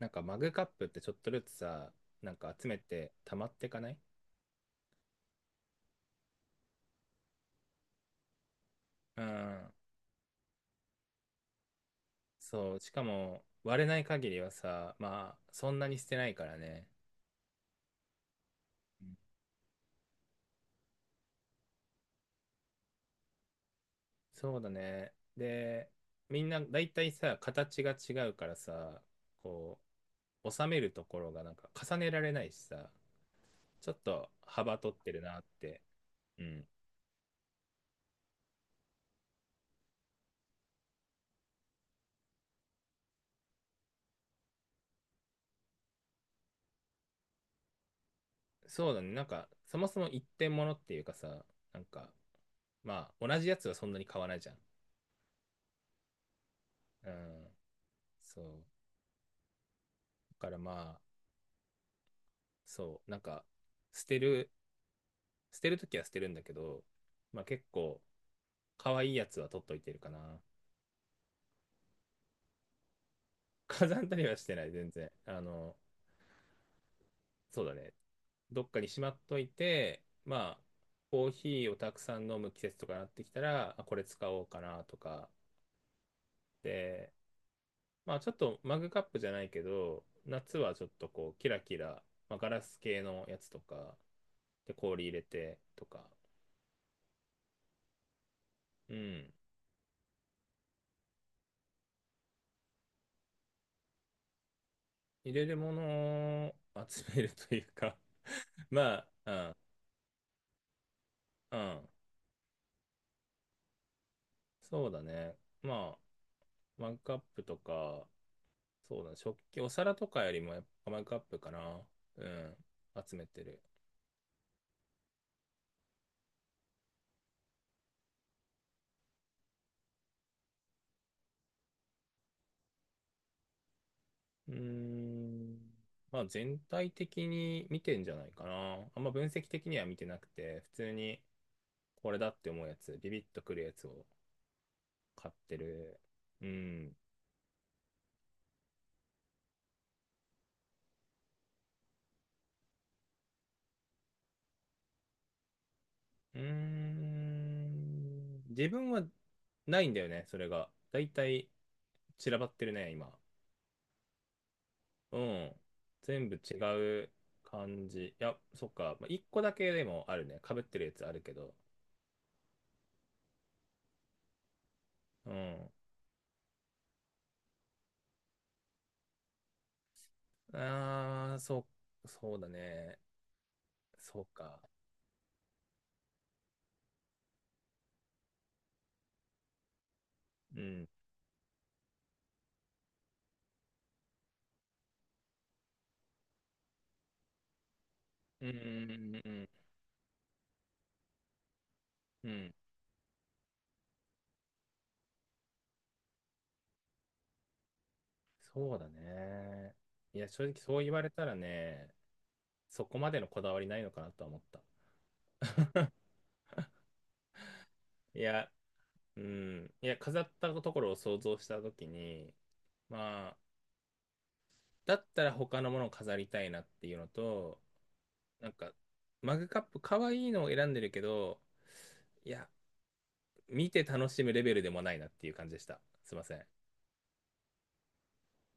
なんかマグカップってちょっとずつさ、なんか集めて溜まってかない？うん。そう、しかも割れない限りはさ、まあそんなに捨てないからね。うん、そうだね。で、みんな大体さ、形が違うからさ、こう、収めるところがなんか重ねられないしさ、ちょっと幅取ってるなって。うん。そうだね。なんか、そもそも一点物っていうかさ、なんか、まあ、同じやつはそんなに買わないじゃん。うん。そう。からまあ、そう、なんか、捨てる、捨てるときは捨てるんだけど、まあ結構、可愛いやつは取っといてるかな。飾ったりはしてない、全然。あの、そうだね。どっかにしまっといて、まあ、コーヒーをたくさん飲む季節とかなってきたら、あ、これ使おうかなとか。で、まあちょっとマグカップじゃないけど、夏はちょっとこう、キラキラ、まあ、ガラス系のやつとか、で、氷入れてとか。うん。入れるものを集めるというか まあ、うん、うん、そうだね。まあ、マグカップとか、そうだね、食器、お皿とかよりもやっぱマグカップかな。うん、集めてる。うーん、まあ全体的に見てんじゃないかな。あんま分析的には見てなくて、普通にこれだって思うやつ、ビビッとくるやつを買ってる。うん。うーん。自分はないんだよね、それが。だいたい散らばってるね、今。うん。全部違う感じ。いや、そっか。まあ、一個だけでもあるね。被ってるやつあるけど。うん。ああ、そう、そうだね。そうか。うん。うんうんうんうんうん。そうだね。いや、正直そう言われたらね、そこまでのこだわりないのかなとは思った。いや、うん。いや、飾ったところを想像したときに、まあ、だったら他のものを飾りたいなっていうのと、なんか、マグカップ、可愛いのを選んでるけど、いや、見て楽しむレベルでもないなっていう感じでした。すいません。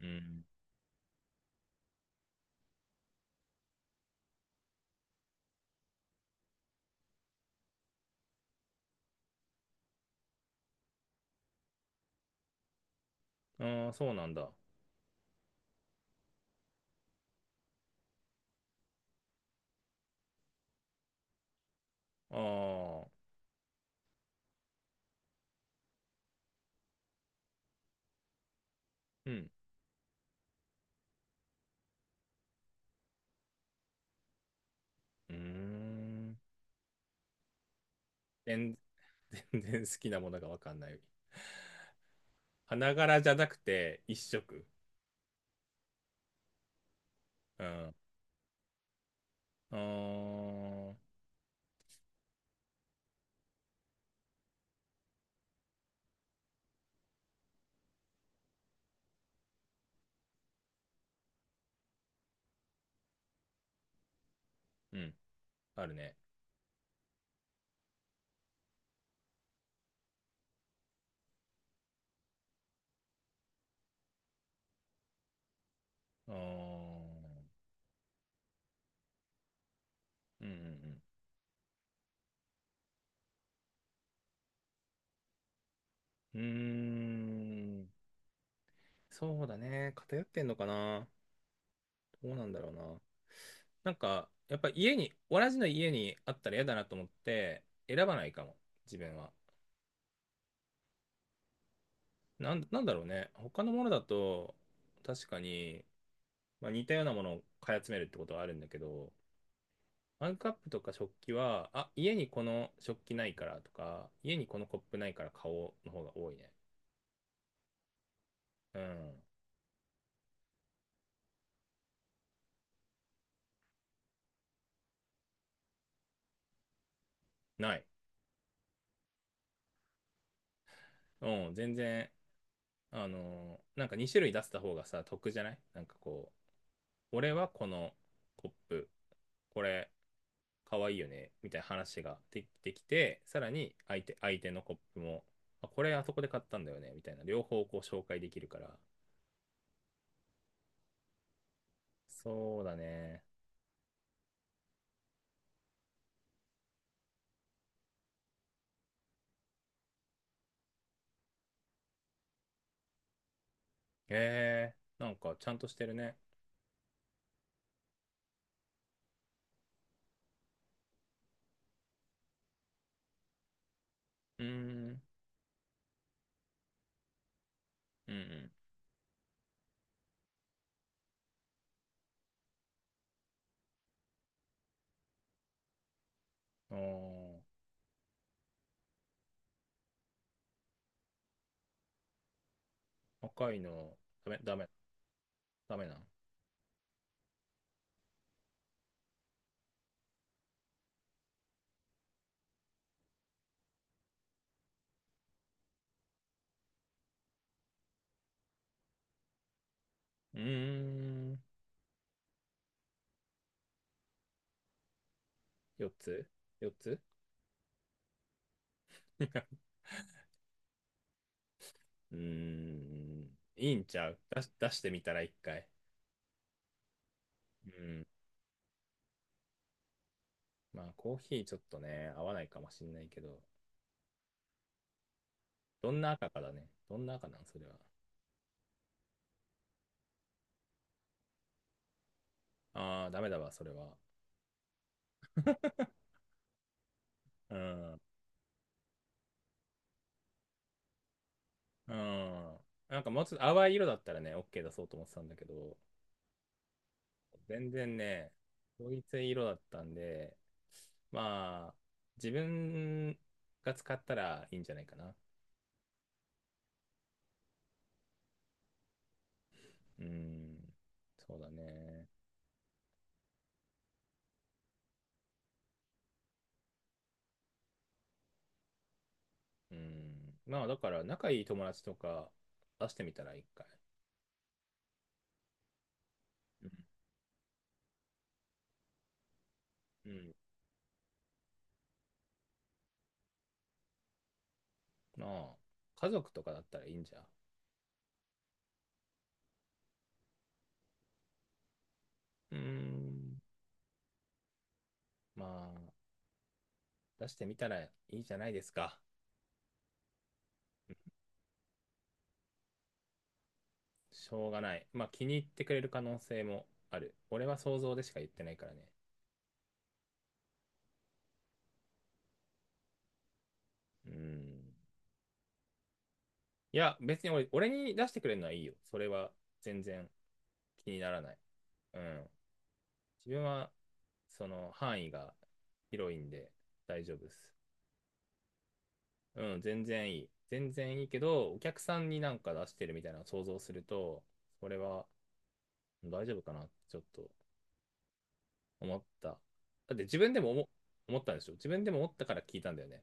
うん。ああ、そうなんだ。ああ、うん。うーん。全全然好きなものがわかんない。花柄じゃなくて、一色。うん。ああ、うん。あるね。ああ。うんうんうん。うーん。そうだね。偏ってんのかな。どうなんだろうな。なんか、やっぱ家に、同じの家にあったら嫌だなと思って、選ばないかも、自分は。なんだろうね。他のものだと、確かに、まあ、似たようなものを買い集めるってことはあるんだけど、マグカップとか食器は、あ、家にこの食器ないからとか、家にこのコップないから買おうの方が多いね。うん。ない。うん、全然、なんか2種類出せた方がさ得じゃない？なんかこう、俺はこのコップこれかわいいよねみたいな話ができてきて、さらに相手のコップも、あ、これあそこで買ったんだよねみたいな、両方こう紹介できるから。そうだね。えー、なんかちゃんとしてるね。うーん、うんうん。あー、赤いの？ダメダメ。ダメなん？うーん。4つ？4つ？ うーん、いいんちゃう？出し、出してみたら一回。うん。まあ、コーヒーちょっとね、合わないかもしんないけど、どんな赤かだね。どんな赤なんそれは。ああ、ダメだわ、それは。うん。うん。なんかもうちょっと淡い色だったらね、OK 出そうと思ってたんだけど、全然ね、統一色だったんで、まあ、自分が使ったらいいんじゃないかな。うん。そうだね。うん。まあ、だから、仲いい友達とか出してみたら一回。うん。うん、まあ、家族とかだったらいいんじゃん。うーん。まあ、出してみたらいいじゃないですか。しょうがない。まあ、気に入ってくれる可能性もある。俺は想像でしか言ってないからね。うん。いや、別に俺、俺に出してくれるのはいいよ。それは全然気にならない。うん。自分は、その範囲が広いんで大丈夫です。うん、全然いい。全然いいけど、お客さんになんか出してるみたいなのを想像すると、これは大丈夫かなってちょっと思った。だって自分でも思、ったんでしょ？自分でも思ったから聞いたんだよね。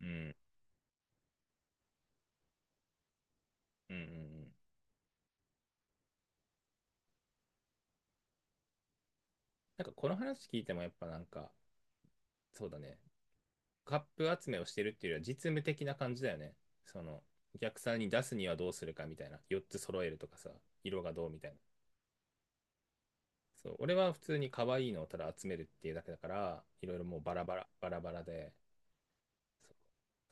うん。うんうんうん。なんかこの話聞いてもやっぱなんか、そうだね、カップ集めをしてるっていうよりは実務的な感じだよね。その、お客さんに出すにはどうするかみたいな。4つ揃えるとかさ、色がどうみたいな。そう、俺は普通に可愛いのをただ集めるっていうだけだから、いろいろもうバラバラ、バラバラで、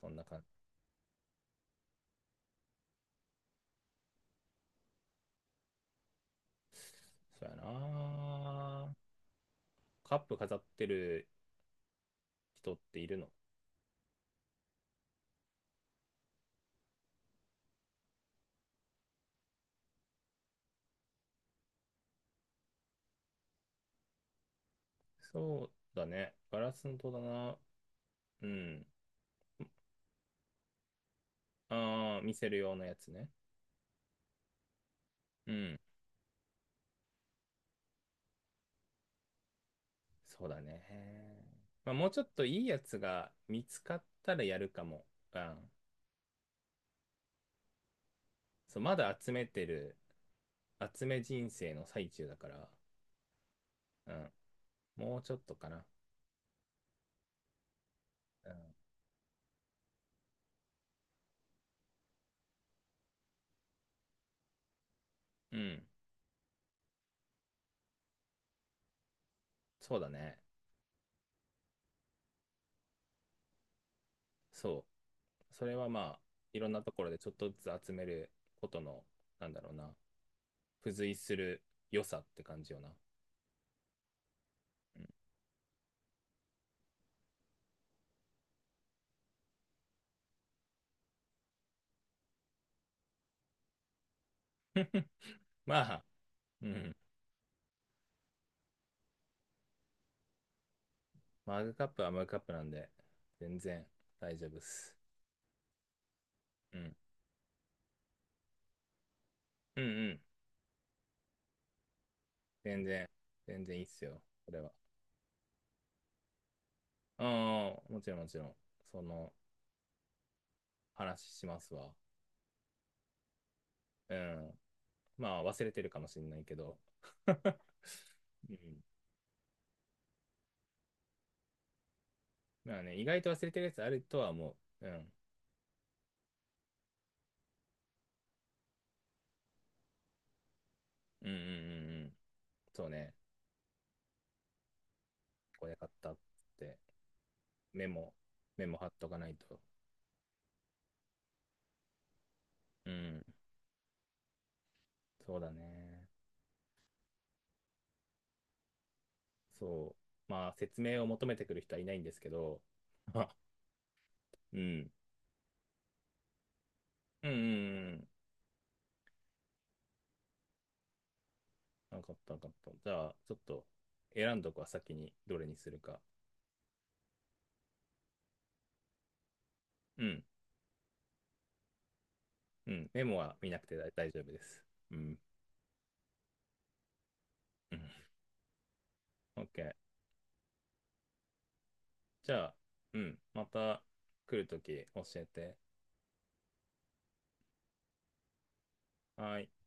そんな感じ。そうやな。カップ飾ってる人っているの？そうだね。ガラスの戸だな。うん。ああ、見せる用のやつね。うん。そうだね。まあ、もうちょっといいやつが見つかったらやるかも。うん。そう、まだ集めてる、集め人生の最中だから。うん。もうちょっとかな。うん。うん。そうだね。そう。それはまあ、いろんなところでちょっとずつ集めることの、なんだろうな、付随する良さって感じよな。うん、まあ、うん。マグカップはマグカップなんで、全然大丈夫っす。うん。うんうん。全然、全然いいっすよ、これは。うん、もちろんもちろん。その、話しますわ。うん。まあ、忘れてるかもしれないけど。うん。まあね、意外と忘れてるやつあるとは思う。うん。うんうんうんうん。そうね。これ買ったって、メモ、メモ貼っとかないと。うん。そうだね。そう。まあ、説明を求めてくる人はいないんですけど、あ、うん。うんうんうん。分かった分かった。じゃあ、ちょっと選んどくは先にどれにするか。うん。うん。メモは見なくて大丈夫です。うん。うん。OK。じゃあ、うん。また来るとき教えて。はーい。